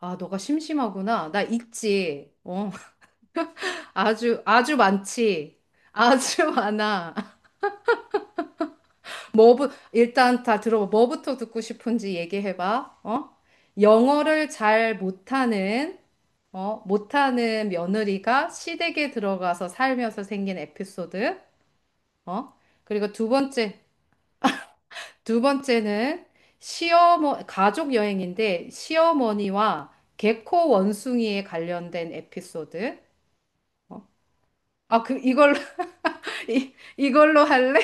아, 너가 심심하구나. 나 있지. 어, 아주, 아주 많지. 아주 많아. 일단 다 들어봐. 뭐부터 듣고 싶은지 얘기해봐. 어? 영어를 잘 못하는 며느리가 시댁에 들어가서 살면서 생긴 에피소드. 어? 그리고 두 번째, 두 번째는 가족 여행인데 시어머니와 개코 원숭이에 관련된 에피소드. 어? 아, 그, 이걸 이걸로 할래?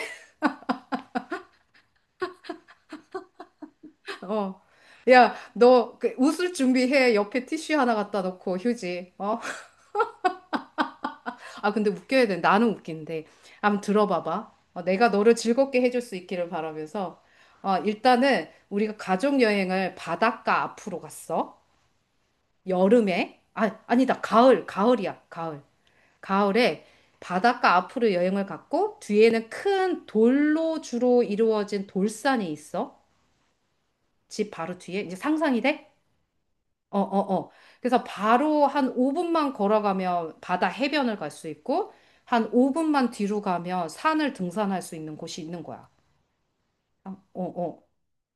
어. 야, 너 그, 웃을 준비해. 옆에 티슈 하나 갖다 놓고 휴지. 어? 아, 근데 웃겨야 돼. 나는 웃긴데. 한번 들어봐봐. 어, 내가 너를 즐겁게 해줄 수 있기를 바라면서. 어, 일단은 우리가 가족 여행을 바닷가 앞으로 갔어. 여름에. 아, 아니다. 가을. 가을이야. 가을. 가을에 바닷가 앞으로 여행을 갔고 뒤에는 큰 돌로 주로 이루어진 돌산이 있어. 집 바로 뒤에. 이제 상상이 돼? 어, 어, 어. 그래서 바로 한 5분만 걸어가면 바다 해변을 갈 수 있고, 한 5분만 뒤로 가면 산을 등산할 수 있는 곳이 있는 거야. 아, 어, 어.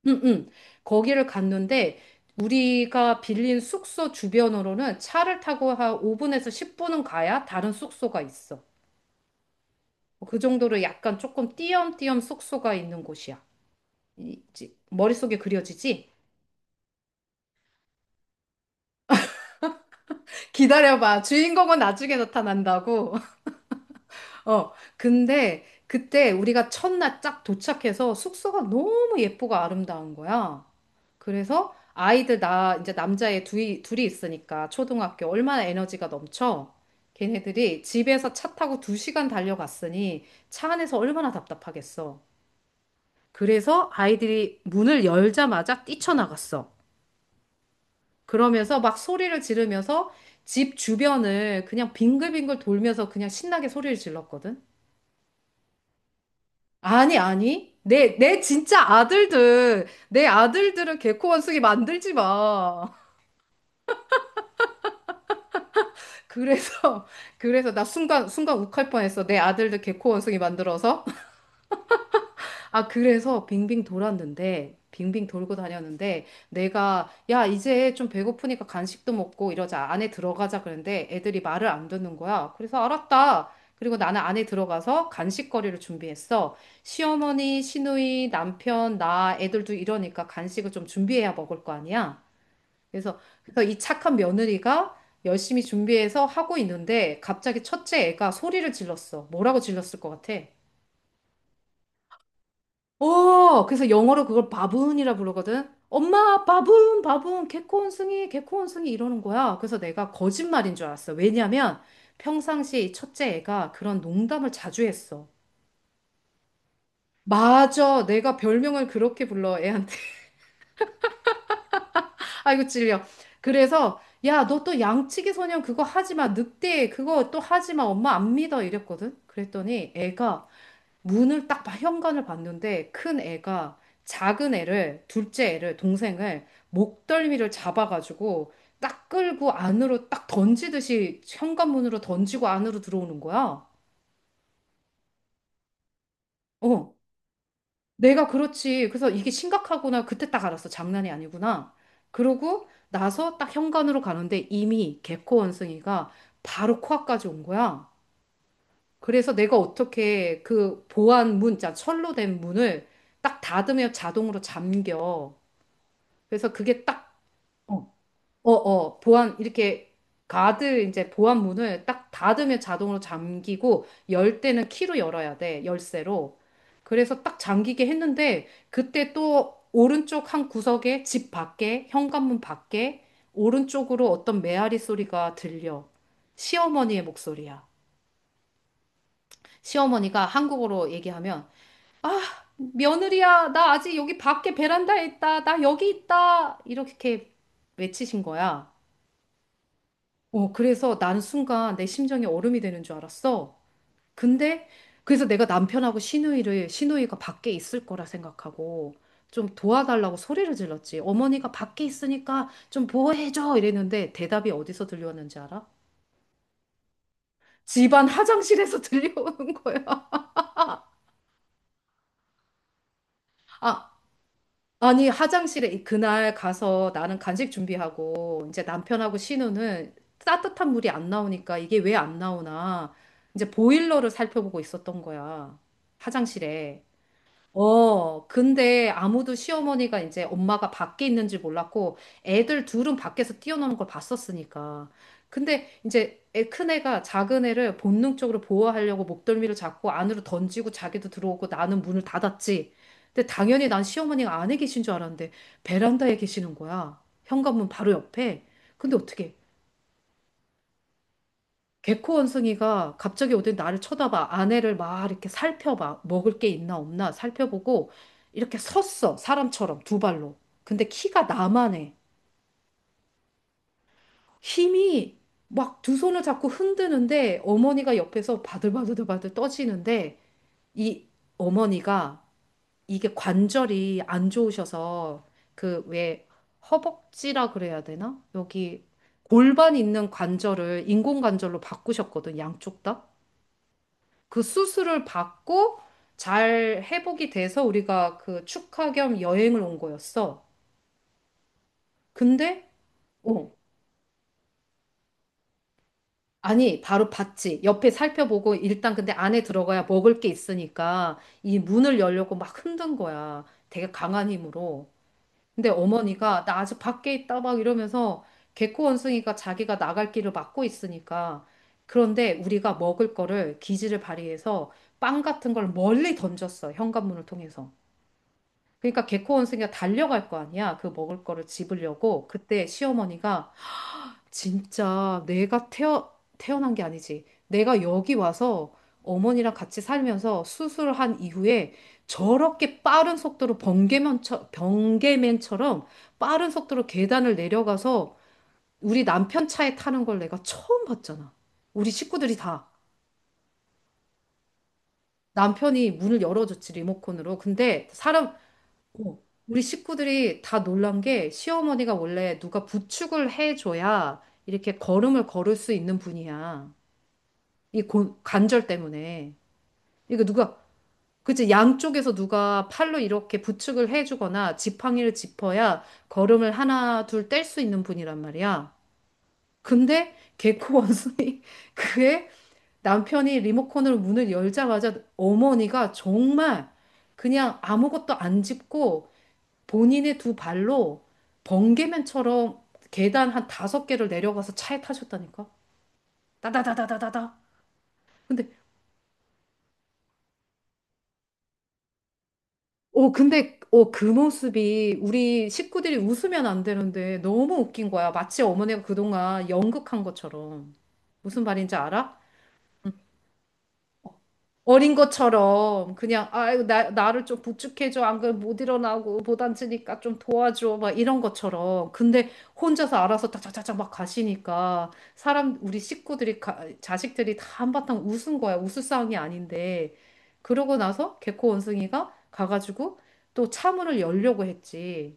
응, 응. 거기를 갔는데, 우리가 빌린 숙소 주변으로는 차를 타고 한 5분에서 10분은 가야 다른 숙소가 있어. 그 정도로 약간 조금 띄엄띄엄 숙소가 있는 곳이야. 머릿속에 그려지지? 기다려봐. 주인공은 나중에 나타난다고. 어, 근데 그때 우리가 첫날 쫙 도착해서 숙소가 너무 예쁘고 아름다운 거야. 그래서 아이들 나 이제 남자애 둘이 있으니까 초등학교 얼마나 에너지가 넘쳐. 걔네들이 집에서 차 타고 2시간 달려갔으니 차 안에서 얼마나 답답하겠어. 그래서 아이들이 문을 열자마자 뛰쳐나갔어. 그러면서 막 소리를 지르면서 집 주변을 그냥 빙글빙글 돌면서 그냥 신나게 소리를 질렀거든. 아니, 아니. 내 진짜 아들들, 내 아들들은 개코 원숭이 만들지 마. 그래서, 그래서 나 순간, 순간 욱할 뻔했어. 내 아들들 개코 원숭이 만들어서. 아, 그래서 빙빙 돌았는데, 빙빙 돌고 다녔는데, 내가, 야, 이제 좀 배고프니까 간식도 먹고 이러자. 안에 들어가자. 그랬는데 애들이 말을 안 듣는 거야. 그래서 알았다. 그리고 나는 안에 들어가서 간식거리를 준비했어. 시어머니, 시누이, 남편, 나, 애들도 이러니까 간식을 좀 준비해야 먹을 거 아니야. 그래서, 그래서 이 착한 며느리가 열심히 준비해서 하고 있는데, 갑자기 첫째 애가 소리를 질렀어. 뭐라고 질렀을 것 같아? 어, 그래서 영어로 그걸 바분이라 부르거든. 엄마, 바분, 바분, 개코원숭이, 개코원숭이 이러는 거야. 그래서 내가 거짓말인 줄 알았어. 왜냐면 평상시 이 첫째 애가 그런 농담을 자주 했어. 맞아, 내가 별명을 그렇게 불러, 애한테. 아이고, 찔려. 그래서, 야, 너 또 양치기 소년 그거 하지 마. 늑대, 그거 또 하지 마. 엄마 안 믿어. 이랬거든. 그랬더니 애가 문을 딱 현관을 봤는데 큰 애가 작은 애를 둘째 애를 동생을 목덜미를 잡아가지고 딱 끌고 안으로 딱 던지듯이 현관문으로 던지고 안으로 들어오는 거야. 어, 내가 그렇지. 그래서 이게 심각하구나. 그때 딱 알았어. 장난이 아니구나. 그러고 나서 딱 현관으로 가는데 이미 개코 원숭이가 바로 코앞까지 온 거야. 그래서 내가 어떻게 그 보안 문, 자, 철로 된 문을 딱 닫으면 자동으로 잠겨. 그래서 그게 딱, 어, 보안, 이렇게 가드, 이제 보안 문을 딱 닫으면 자동으로 잠기고, 열 때는 키로 열어야 돼, 열쇠로. 그래서 딱 잠기게 했는데, 그때 또 오른쪽 한 구석에 집 밖에, 현관문 밖에, 오른쪽으로 어떤 메아리 소리가 들려. 시어머니의 목소리야. 시어머니가 한국어로 얘기하면, 며느리야, 나 아직 여기 밖에 베란다에 있다. 나 여기 있다. 이렇게 외치신 거야. 어, 그래서 나는 순간 내 심장이 얼음이 되는 줄 알았어. 근데 그래서 내가 남편하고 시누이를 시누이가 밖에 있을 거라 생각하고 좀 도와달라고 소리를 질렀지. 어머니가 밖에 있으니까 좀 보호해줘. 이랬는데 대답이 어디서 들려왔는지 알아? 집안 화장실에서 들려오는 거야. 아, 아니, 화장실에 그날 가서 나는 간식 준비하고 이제 남편하고 신우는 따뜻한 물이 안 나오니까 이게 왜 안 나오나 이제 보일러를 살펴보고 있었던 거야. 화장실에. 어, 근데 아무도 시어머니가 이제 엄마가 밖에 있는지 몰랐고 애들 둘은 밖에서 뛰어노는 걸 봤었으니까. 근데 이제 애, 큰 애가 작은 애를 본능적으로 보호하려고 목덜미를 잡고 안으로 던지고 자기도 들어오고 나는 문을 닫았지. 근데 당연히 난 시어머니가 안에 계신 줄 알았는데 베란다에 계시는 거야. 현관문 바로 옆에. 근데 어떻게? 개코 원숭이가 갑자기 어더 나를 쳐다봐. 아내를 막 이렇게 살펴봐. 먹을 게 있나 없나 살펴보고 이렇게 섰어. 사람처럼 두 발로. 근데 키가 나만 해. 힘이 막 두 손을 잡고 흔드는데 어머니가 옆에서 바들바들바들 떠지는데 이 어머니가 이게 관절이 안 좋으셔서 그 왜 허벅지라 그래야 되나? 여기 골반 있는 관절을 인공관절로 바꾸셨거든. 양쪽 다. 그 수술을 받고 잘 회복이 돼서 우리가 그 축하 겸 여행을 온 거였어. 근데, 어, 아니, 바로 봤지. 옆에 살펴보고 일단 근데 안에 들어가야 먹을 게 있으니까 이 문을 열려고 막 흔든 거야. 되게 강한 힘으로. 근데 어머니가 나 아직 밖에 있다 막 이러면서 개코 원숭이가 자기가 나갈 길을 막고 있으니까 그런데 우리가 먹을 거를 기지를 발휘해서 빵 같은 걸 멀리 던졌어. 현관문을 통해서. 그러니까 개코 원숭이가 달려갈 거 아니야. 그 먹을 거를 집으려고. 그때 시어머니가 진짜 내가 태어난 게 아니지. 내가 여기 와서 어머니랑 같이 살면서 수술한 이후에 저렇게 빠른 속도로 번개맨처럼 빠른 속도로 계단을 내려가서 우리 남편 차에 타는 걸 내가 처음 봤잖아. 우리 식구들이 다. 남편이 문을 열어줬지, 리모컨으로. 근데 사람, 어, 우리 식구들이 다 놀란 게 시어머니가 원래 누가 부축을 해줘야 이렇게 걸음을 걸을 수 있는 분이야. 이 관절 때문에. 이거 누가, 그치, 양쪽에서 누가 팔로 이렇게 부축을 해주거나 지팡이를 짚어야 걸음을 하나, 둘 뗄 수 있는 분이란 말이야. 근데 개코 원숭이, 그의 남편이 리모컨으로 문을 열자마자 어머니가 정말 그냥 아무것도 안 짚고 본인의 두 발로 번개맨처럼 계단 한 5개를 내려가서 차에 타셨다니까? 따다다다다다다. 근데, 그 모습이 우리 식구들이 웃으면 안 되는데 너무 웃긴 거야. 마치 어머니가 그동안 연극한 것처럼. 무슨 말인지 알아? 어린 것처럼 그냥 아이고 나 나를 좀 부축해줘 안 그러면 못 일어나고 못 앉으니까 좀 도와줘 막 이런 것처럼 근데 혼자서 알아서 딱딱딱딱 막 가시니까 사람 우리 식구들이 자식들이 다 한바탕 웃은 거야 웃을 상황이 아닌데 그러고 나서 개코 원숭이가 가가지고 또 차문을 열려고 했지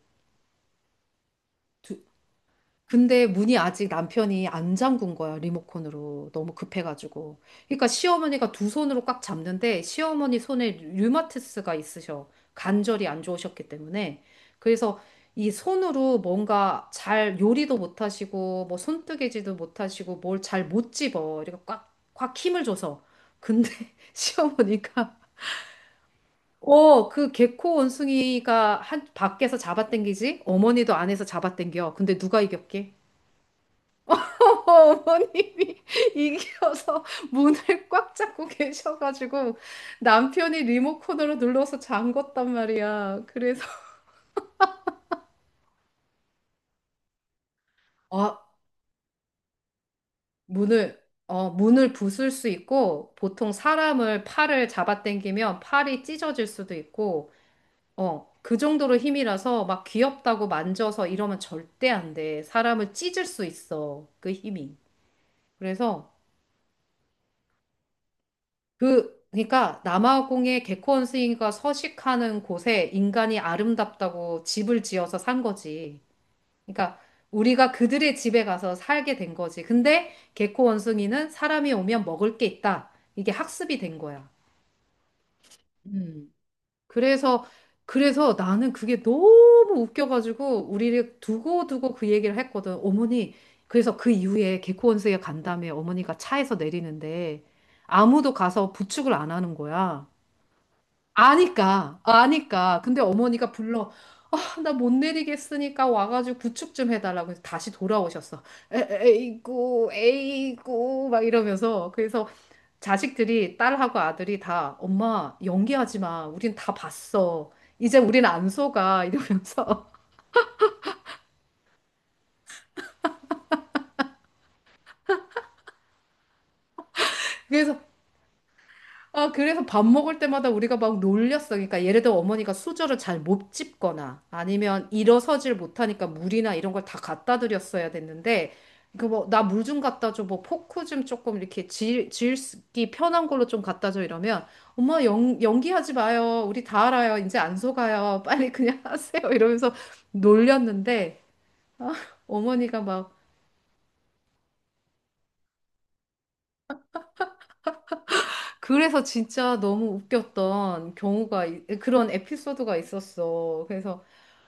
근데 문이 아직 남편이 안 잠근 거야, 리모컨으로. 너무 급해가지고. 그러니까 시어머니가 두 손으로 꽉 잡는데 시어머니 손에 류마티스가 있으셔. 관절이 안 좋으셨기 때문에. 그래서 이 손으로 뭔가 잘 요리도 못 하시고, 뭐 손뜨개질도 못 하시고, 뭘 잘 못 집어. 이렇게 꽉, 꽉 힘을 줘서. 근데 시어머니가 어, 그 개코 원숭이가 한 밖에서 잡아당기지? 어머니도 안에서 잡아당겨. 근데 누가 이겼게? 어머님이 이기어서 문을 꽉 잡고 계셔가지고 남편이 리모컨으로 눌러서 잠궜단 말이야. 그래서 아, 문을 문을 부술 수 있고 보통 사람을 팔을 잡아당기면 팔이 찢어질 수도 있고 어, 그 정도로 힘이라서 막 귀엽다고 만져서 이러면 절대 안 돼. 사람을 찢을 수 있어. 그 힘이. 그래서 그러니까 남아공의 개코 원숭이가 서식하는 곳에 인간이 아름답다고 집을 지어서 산 거지. 그러니까 우리가 그들의 집에 가서 살게 된 거지. 근데 개코 원숭이는 사람이 오면 먹을 게 있다. 이게 학습이 된 거야. 음. 그래서, 그래서 나는 그게 너무 웃겨가지고 우리를 두고두고 그 얘기를 했거든. 어머니, 그래서 그 이후에 개코 원숭이가 간 다음에 어머니가 차에서 내리는데 아무도 가서 부축을 안 하는 거야. 아니까, 아니까. 근데 어머니가 불러. 아, 나 못 내리겠으니까 와가지고 구축 좀 해달라고 해서 다시 돌아오셨어. 에, 에이구, 에이구, 막 이러면서. 그래서 자식들이, 딸하고 아들이 다, 엄마, 연기하지 마. 우린 다 봤어. 이제 우린 안 속아. 이러면서. 그래서, 그래서 밥 먹을 때마다 우리가 막 놀렸어. 그러니까 예를 들어 어머니가 수저를 잘 못 집거나 아니면 일어서질 못하니까 물이나 이런 걸 다 갖다 드렸어야 됐는데 그 뭐 나 물 좀 갖다 줘. 뭐 포크 좀 조금 이렇게 질기 편한 걸로 좀 갖다 줘 이러면 엄마 연기하지 마요. 우리 다 알아요. 이제 안 속아요. 빨리 그냥 하세요. 이러면서 놀렸는데 아, 어머니가 막 그래서 진짜 너무 웃겼던 경우가 그런 에피소드가 있었어. 그래서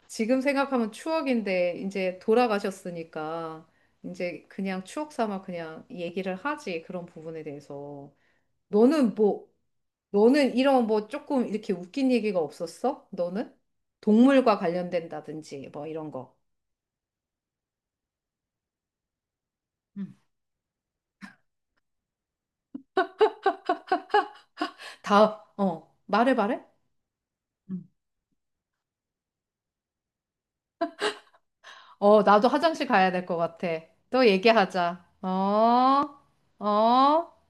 지금 생각하면 추억인데 이제 돌아가셨으니까 이제 그냥 추억 삼아 그냥 얘기를 하지 그런 부분에 대해서 너는 뭐 너는 이런 뭐 조금 이렇게 웃긴 얘기가 없었어? 너는 동물과 관련된다든지 뭐 이런 거. 음, 다음 어 말해 말해. 음. 어 나도 화장실 가야 될 것 같아. 또 얘기하자. 어 어.